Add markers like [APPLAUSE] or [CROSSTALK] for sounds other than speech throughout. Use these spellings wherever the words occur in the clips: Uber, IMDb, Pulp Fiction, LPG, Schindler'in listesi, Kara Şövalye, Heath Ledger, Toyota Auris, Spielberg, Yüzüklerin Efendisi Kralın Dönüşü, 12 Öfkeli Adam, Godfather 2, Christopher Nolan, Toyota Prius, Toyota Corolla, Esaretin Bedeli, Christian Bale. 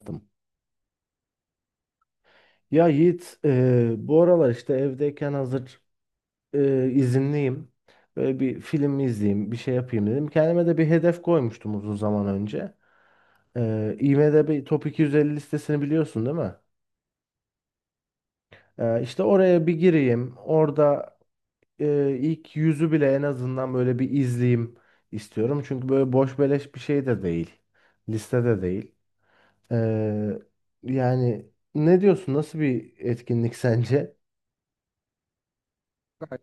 Yaptım. Ya Yiğit, bu aralar işte evdeyken hazır izinliyim. Böyle bir film izleyeyim, bir şey yapayım dedim. Kendime de bir hedef koymuştum uzun zaman önce. IMDb Top 250 listesini biliyorsun, değil mi? İşte oraya bir gireyim. Orada ilk yüzü bile en azından böyle bir izleyeyim istiyorum. Çünkü böyle boş beleş bir şey de değil. Listede değil. E, Yani ne diyorsun? Nasıl bir etkinlik sence? Gayet.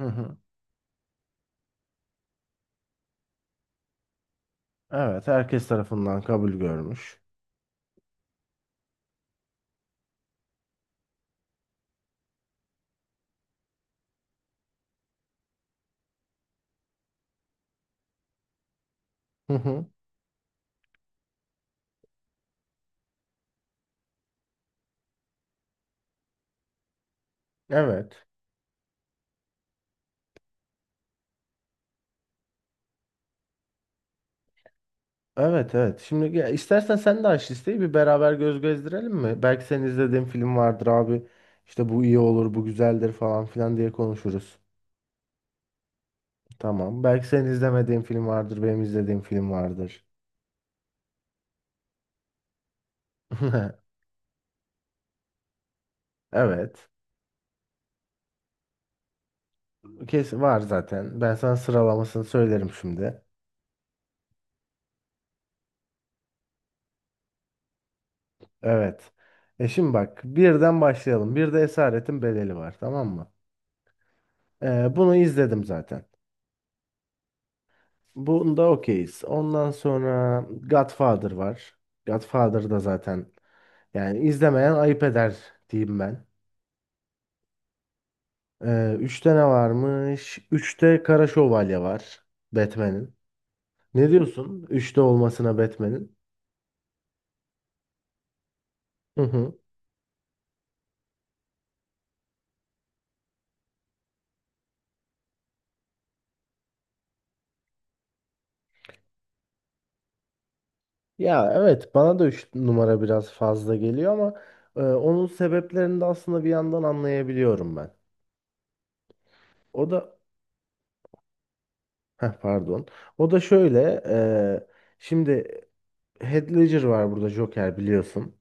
Hı hı. Evet, herkes tarafından kabul görmüş. Hı hı. Evet. Evet, evet. Şimdi, ya istersen sen de aç listeyi, bir beraber göz gezdirelim mi? Belki senin izlediğin film vardır abi. İşte bu iyi olur, bu güzeldir falan filan diye konuşuruz. Tamam. Belki senin izlemediğin film vardır, benim izlediğim film vardır. [LAUGHS] Evet. Kesin var zaten. Ben sana sıralamasını söylerim şimdi. Evet. Şimdi bak, birden başlayalım. Bir de Esaretin Bedeli var, tamam mı? Bunu izledim zaten. Bunda okeyiz. Ondan sonra Godfather var. Godfather da zaten yani izlemeyen ayıp eder diyeyim ben. Üçte ne varmış? Üçte Kara Şövalye var, Batman'in. Ne diyorsun? Üçte olmasına, Batman'in. Hı hı. Ya evet, bana da üç numara biraz fazla geliyor ama onun sebeplerini de aslında bir yandan anlayabiliyorum ben. O da pardon. O da şöyle, şimdi Heath Ledger var burada, Joker biliyorsun.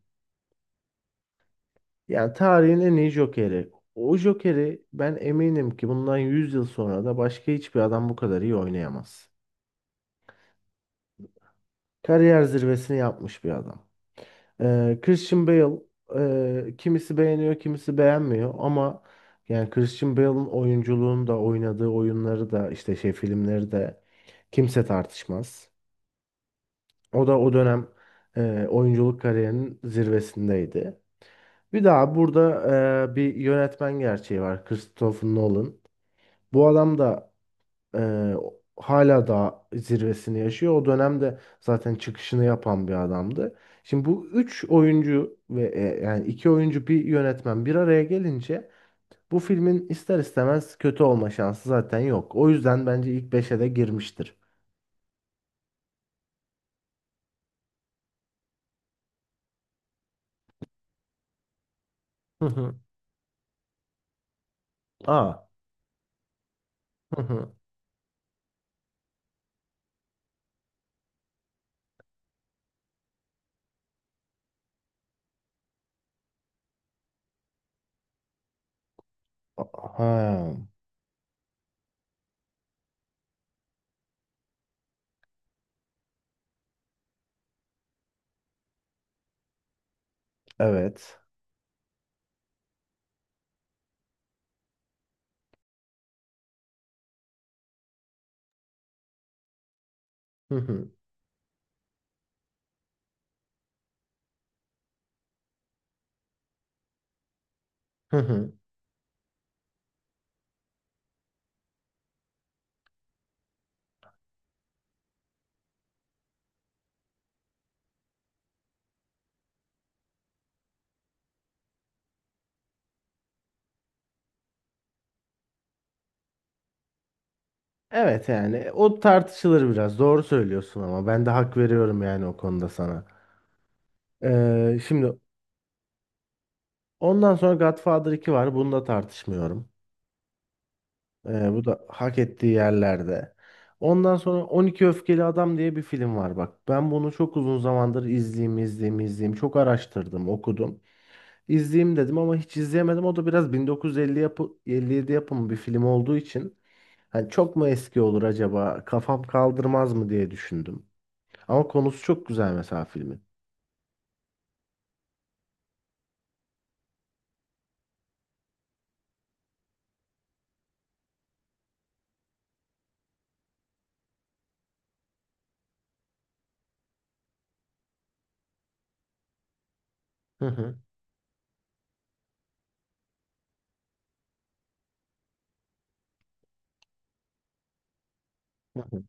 Yani tarihin en iyi Joker'i. O Joker'i ben eminim ki bundan 100 yıl sonra da başka hiçbir adam bu kadar iyi oynayamaz. Kariyer zirvesini yapmış bir adam. Christian Bale kimisi beğeniyor, kimisi beğenmiyor ama yani Christian Bale'ın oyunculuğunu da, oynadığı oyunları da işte şey filmleri de kimse tartışmaz. O da o dönem oyunculuk kariyerinin zirvesindeydi. Bir daha burada bir yönetmen gerçeği var. Christopher Nolan. Bu adam da e, hala daha zirvesini yaşıyor. O dönemde zaten çıkışını yapan bir adamdı. Şimdi bu üç oyuncu ve yani iki oyuncu bir yönetmen bir araya gelince bu filmin ister istemez kötü olma şansı zaten yok. O yüzden bence ilk beşe de girmiştir. Hı hı. Aa. Hı hı. Ha. Evet. Hı hı. Hı hı. Evet, yani o tartışılır biraz. Doğru söylüyorsun ama ben de hak veriyorum yani o konuda sana. Şimdi Ondan sonra Godfather 2 var. Bunu da tartışmıyorum. Bu da hak ettiği yerlerde. Ondan sonra 12 Öfkeli Adam diye bir film var bak. Ben bunu çok uzun zamandır izleyeyim, izleyeyim, izleyeyim. Çok araştırdım, okudum. İzleyeyim dedim ama hiç izleyemedim. O da biraz 1950 yapı, 57 yapımı bir film olduğu için hani çok mu eski olur acaba? Kafam kaldırmaz mı diye düşündüm. Ama konusu çok güzel mesela filmin. Hı hı. Hı hı.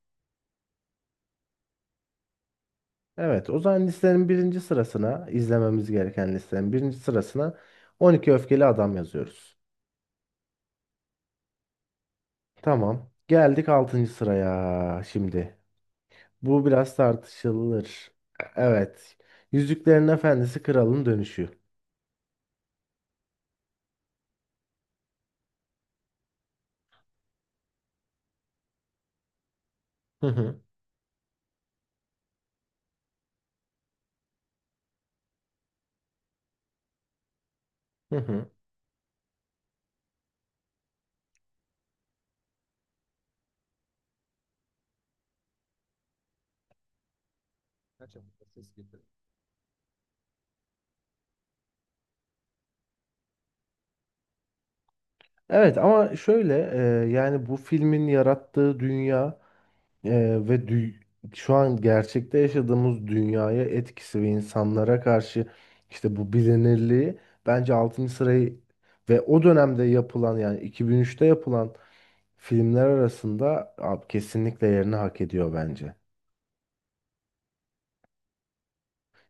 Evet, o zaman listenin birinci sırasına izlememiz gereken listenin birinci sırasına 12 Öfkeli Adam yazıyoruz. Tamam. Geldik altıncı sıraya şimdi. Bu biraz tartışılır. Evet. Yüzüklerin Efendisi Kralın Dönüşü. Hı hı. Hı hı. Evet, ama şöyle yani bu filmin yarattığı dünya e, ve dü- şu an gerçekte yaşadığımız dünyaya etkisi ve insanlara karşı işte bu bilinirliği, bence altıncı sırayı ve o dönemde yapılan yani 2003'te yapılan filmler arasında abi, kesinlikle yerini hak ediyor bence.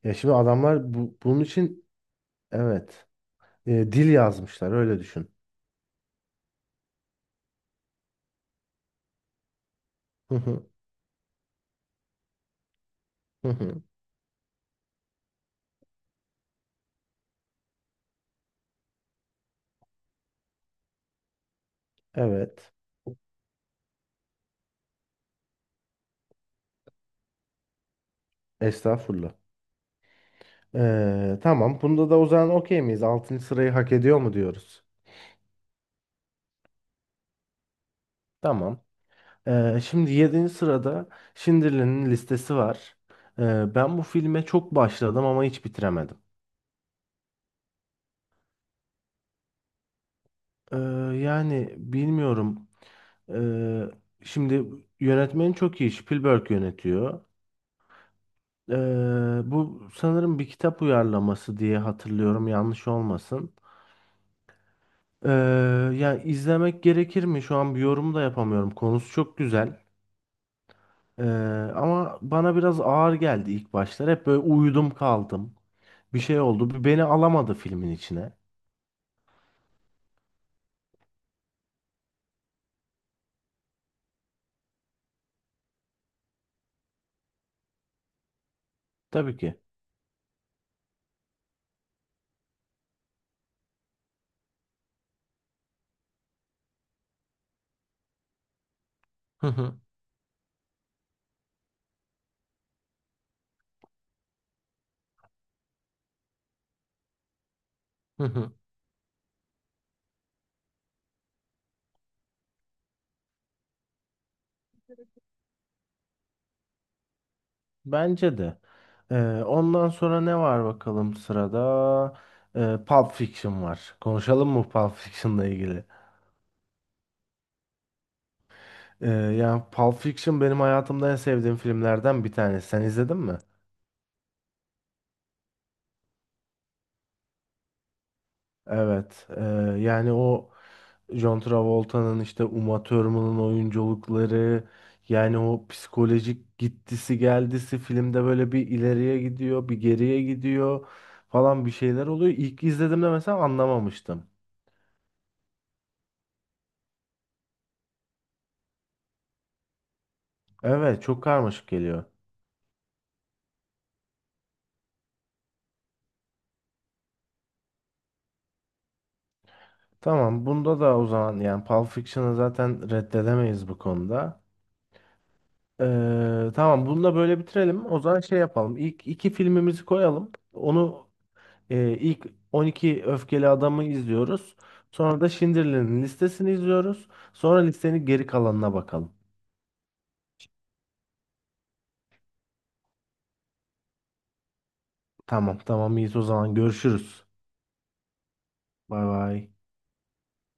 Ya şimdi adamlar bunun için evet, dil yazmışlar öyle düşün. Hı hı, hı hı. Evet. Estağfurullah. Tamam. Bunda da o zaman okey miyiz? 6. sırayı hak ediyor mu diyoruz? Tamam. Şimdi yedinci sırada Schindler'in listesi var. Ben bu filme çok başladım ama hiç bitiremedim. Ee, Yani bilmiyorum. Ee, Şimdi yönetmeni çok iyi. Spielberg yönetiyor. Ee, Bu sanırım bir kitap uyarlaması diye hatırlıyorum. Yanlış olmasın. Ee, Yani izlemek gerekir mi? Şu an bir yorum da yapamıyorum. Konusu çok güzel. Ee, Ama bana biraz ağır geldi ilk başlar. Hep böyle uyudum kaldım. Bir şey oldu. Bir beni alamadı filmin içine. Tabii ki. Hı hı hı hı. Bence de. Ondan sonra ne var bakalım sırada? Pulp Fiction var. Konuşalım mı Pulp Fiction'la ilgili? Yani Pulp Fiction benim hayatımda en sevdiğim filmlerden bir tanesi. Sen izledin mi? Evet. Yani o John Travolta'nın, işte Uma Thurman'ın oyunculukları, yani o psikolojik gittisi geldisi, filmde böyle bir ileriye gidiyor, bir geriye gidiyor falan, bir şeyler oluyor. İlk izlediğimde mesela anlamamıştım. Evet, çok karmaşık geliyor. Tamam, bunda da o zaman yani Pulp Fiction'ı zaten reddedemeyiz bu konuda. Tamam, bunu da böyle bitirelim. O zaman şey yapalım. İlk iki filmimizi koyalım. Onu ilk 12 öfkeli adamı izliyoruz. Sonra da Schindler'in listesini izliyoruz. Sonra listenin geri kalanına bakalım. Tamam, tamam, iyiyiz. O zaman görüşürüz. Bay bay.